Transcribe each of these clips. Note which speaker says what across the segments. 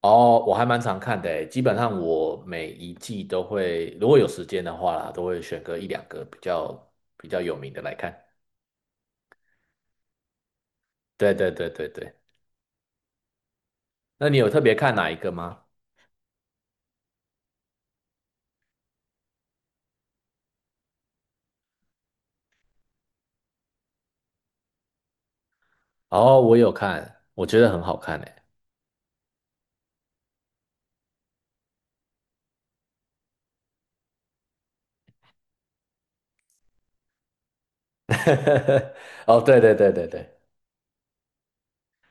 Speaker 1: 哦，我还蛮常看的诶，基本上我每一季都会，如果有时间的话啦，都会选个一两个比较有名的来看。对对对对对，那你有特别看哪一个吗？哦，我有看，我觉得很好看诶。哦，对对对对对，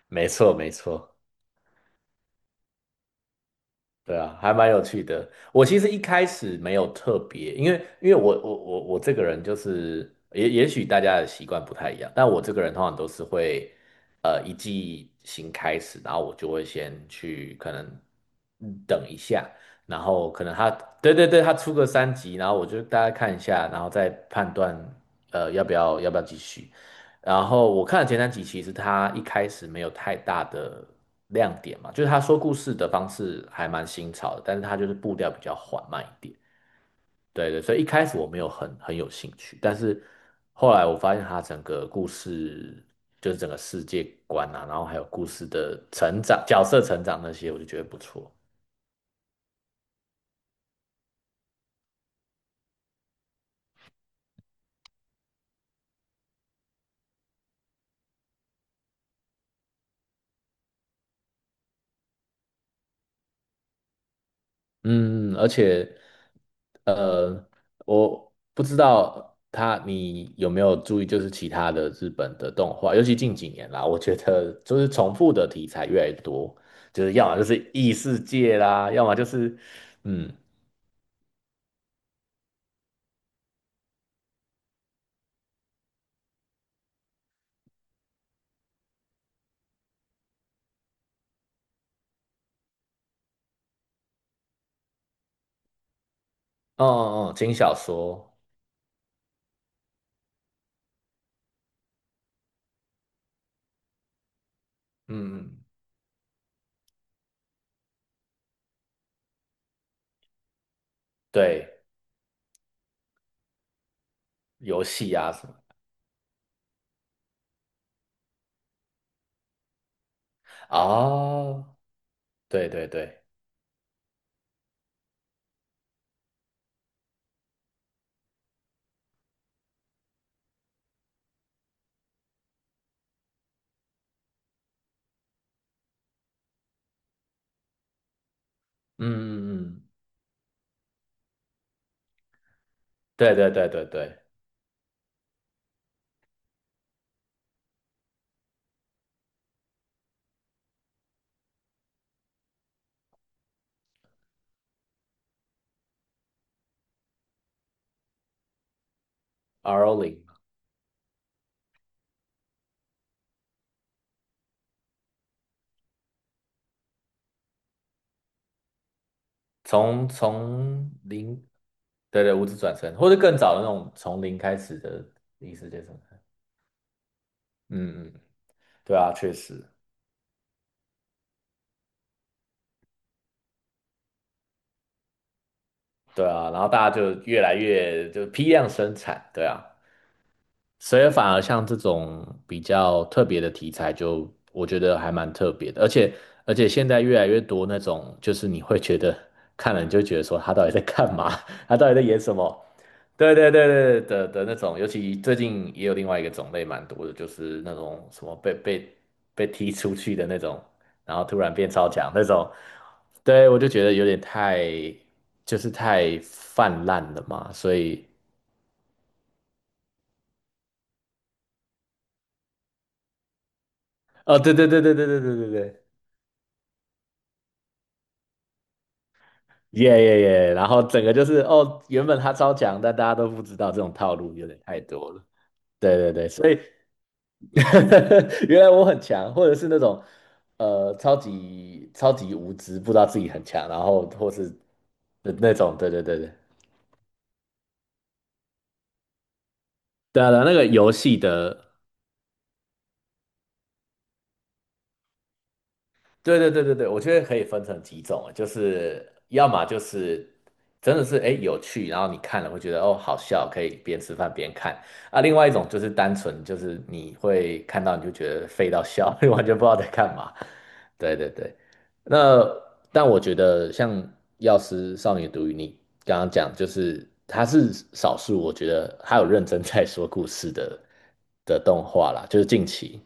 Speaker 1: 没错没错。对啊，还蛮有趣的。我其实一开始没有特别，因为我这个人就是也许大家的习惯不太一样，但我这个人通常都是会一季新开始，然后我就会先去可能等一下，然后可能他，对对对，他出个三集，然后我就大概看一下，然后再判断要不要继续。然后我看了前3集，其实他一开始没有太大的亮点嘛，就是他说故事的方式还蛮新潮的，但是他就是步调比较缓慢一点。对对，所以一开始我没有很有兴趣，但是后来我发现他整个故事就是整个世界观啊，然后还有故事的成长、角色成长那些，我就觉得不错。嗯，而且呃，我不知道你有没有注意，就是其他的日本的动画，尤其近几年啦，我觉得就是重复的题材越来越多，就是要么就是异世界啦，要么就是嗯，哦哦，轻小说，嗯，嗯对，游戏啊什么，哦，对对对，嗯嗯嗯，对对对对对 r o 从零，对对，无职转生，或者更早的那种从零开始的异世界生产。嗯嗯，对啊，确实，对啊，然后大家就越来越就批量生产，对啊，所以反而像这种比较特别的题材就，我觉得还蛮特别的，而且现在越来越多那种，就是你会觉得看了你就觉得说他到底在干嘛，他到底在演什么？对对对对的那种，尤其最近也有另外一个种类蛮多的，就是那种什么被踢出去的那种，然后突然变超强那种，对我就觉得有点太就是太泛滥了嘛，所以哦，对对对对对对对对对。耶耶耶！然后整个就是哦，原本他超强，但大家都不知道这种套路有点太多了。对对对，所以 原来我很强，或者是那种超级超级无知，不知道自己很强，然后或是那种，对对对对，对啊，对啊那个游戏的对对对对对，我觉得可以分成几种啊，就是要么就是真的是哎有趣，然后你看了会觉得哦好笑，可以边吃饭边看啊；另外一种就是单纯就是你会看到你就觉得废到笑，你完全不知道在干嘛。对对对，那但我觉得像《药师少女毒语》，你刚刚讲就是它是少数，我觉得它有认真在说故事的动画啦，就是近期。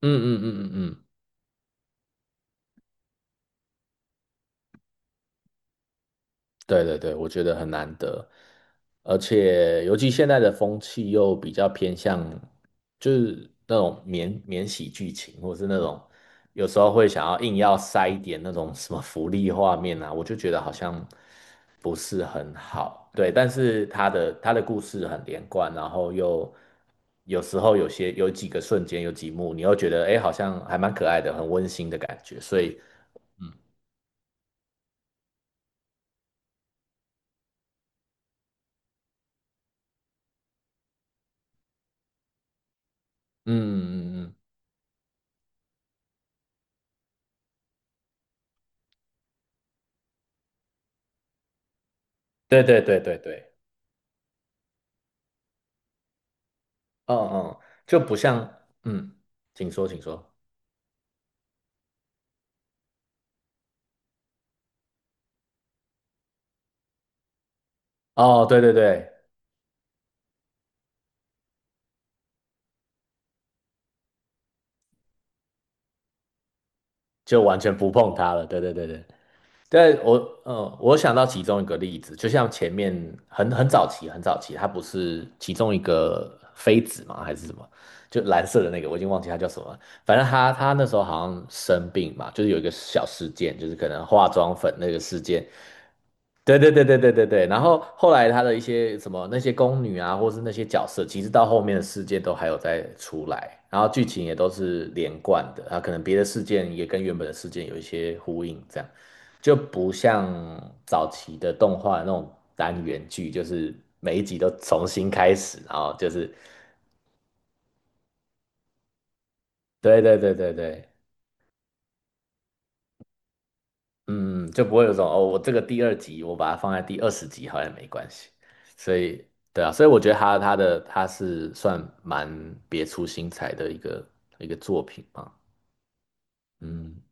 Speaker 1: 嗯嗯嗯嗯嗯。对对对，我觉得很难得，而且尤其现在的风气又比较偏向，就是那种免洗剧情，或是那种有时候会想要硬要塞一点那种什么福利画面啊，我就觉得好像不是很好。对，但是他的故事很连贯，然后又有时候有几个瞬间有几幕，你又觉得哎，诶好像还蛮可爱的，很温馨的感觉，所以嗯嗯嗯，嗯对对对对对。嗯嗯，就不像，嗯，请说，请说。哦，对对对，就完全不碰它了。对对对对，对，我，我想到其中一个例子，就像前面很早期，很早期，它不是其中一个妃子嘛，还是什么？就蓝色的那个，我已经忘记它叫什么了。反正他那时候好像生病嘛，就是有一个小事件，就是可能化妆粉那个事件。对对对对对对对。然后后来他的一些什么那些宫女啊，或是那些角色，其实到后面的事件都还有再出来，然后剧情也都是连贯的啊，可能别的事件也跟原本的事件有一些呼应，这样。就不像早期的动画那种单元剧，就是每一集都重新开始，然后就是，对对对对对，嗯，就不会有种哦，我这个第2集我把它放在第20集好像也没关系，所以对啊，所以我觉得他它的它是算蛮别出心裁的一个作品嘛，嗯，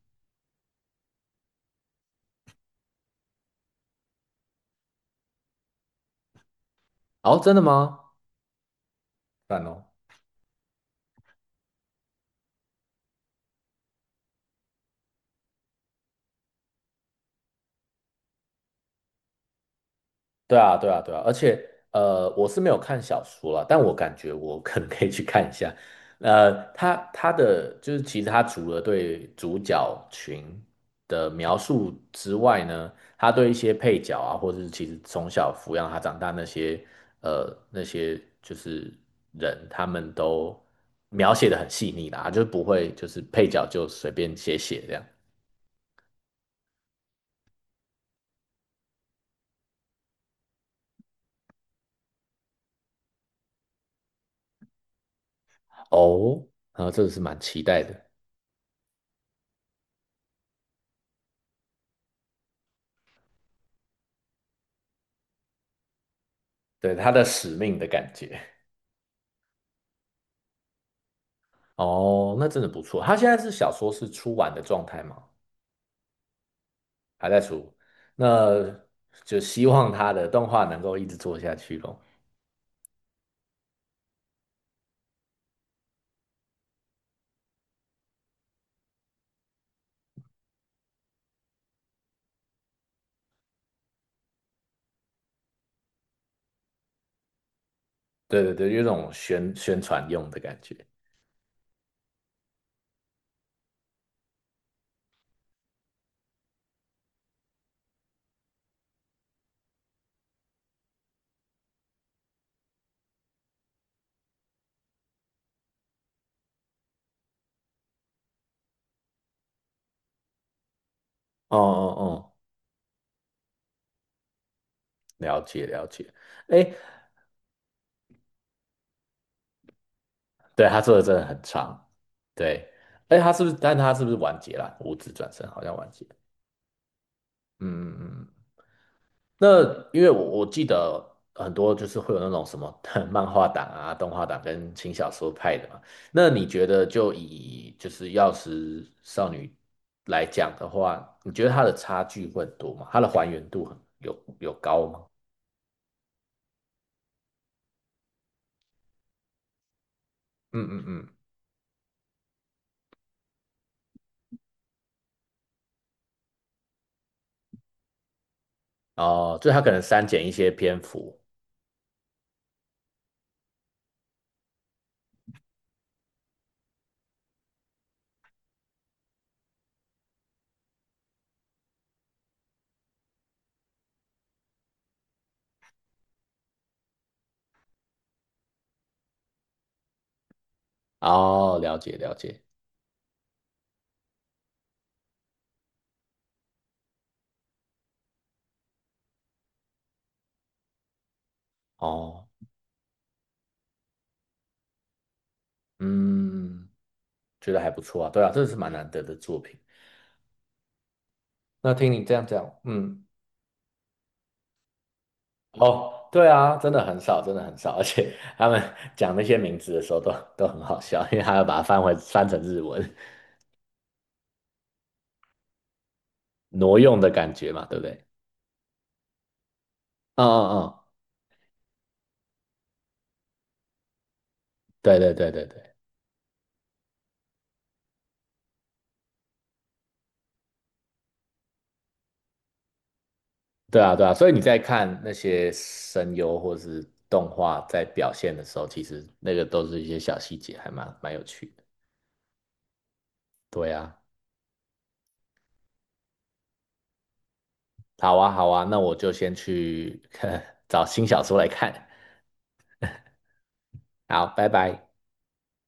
Speaker 1: 哦，真的吗？算哦。对啊，对啊，对啊，而且我是没有看小说了，但我感觉我可能可以去看一下。他的就是其实他除了对主角群的描述之外呢，他对一些配角啊，或者是其实从小抚养他长大那些就是人，他们都描写的很细腻啦，就是不会就是配角就随便写写这样。哦，啊，这个是蛮期待的，对他的使命的感觉。哦，那真的不错。他现在是小说是出完的状态吗？还在出，那就希望他的动画能够一直做下去咯。对对对，有一种宣传用的感觉。哦哦哦，了解了解。哎，对，他做的真的很长。对，哎，他是不是？但他是不是完结了？五指转身好像完结。嗯嗯嗯。那因为我记得很多就是会有那种什么 漫画党啊、动画党跟轻小说派的嘛。那你觉得就是《药师少女》来讲的话，你觉得它的差距会很多吗？它的还原度很有高吗？嗯嗯嗯。哦，就它可能删减一些篇幅。哦，了解了解。哦，嗯，觉得还不错啊。对啊，这是蛮难得的作品。那听你这样讲，嗯。哦，对啊，真的很少，真的很少，而且他们讲那些名字的时候都很好笑，因为他要把它翻成日文，挪用的感觉嘛，对不对？嗯嗯嗯，对对对对对，对啊对啊，所以你在看那些声优或是动画在表现的时候，其实那个都是一些小细节，还蛮有趣的。对啊，好啊好啊，那我就先去 找新小说来看，好，拜拜。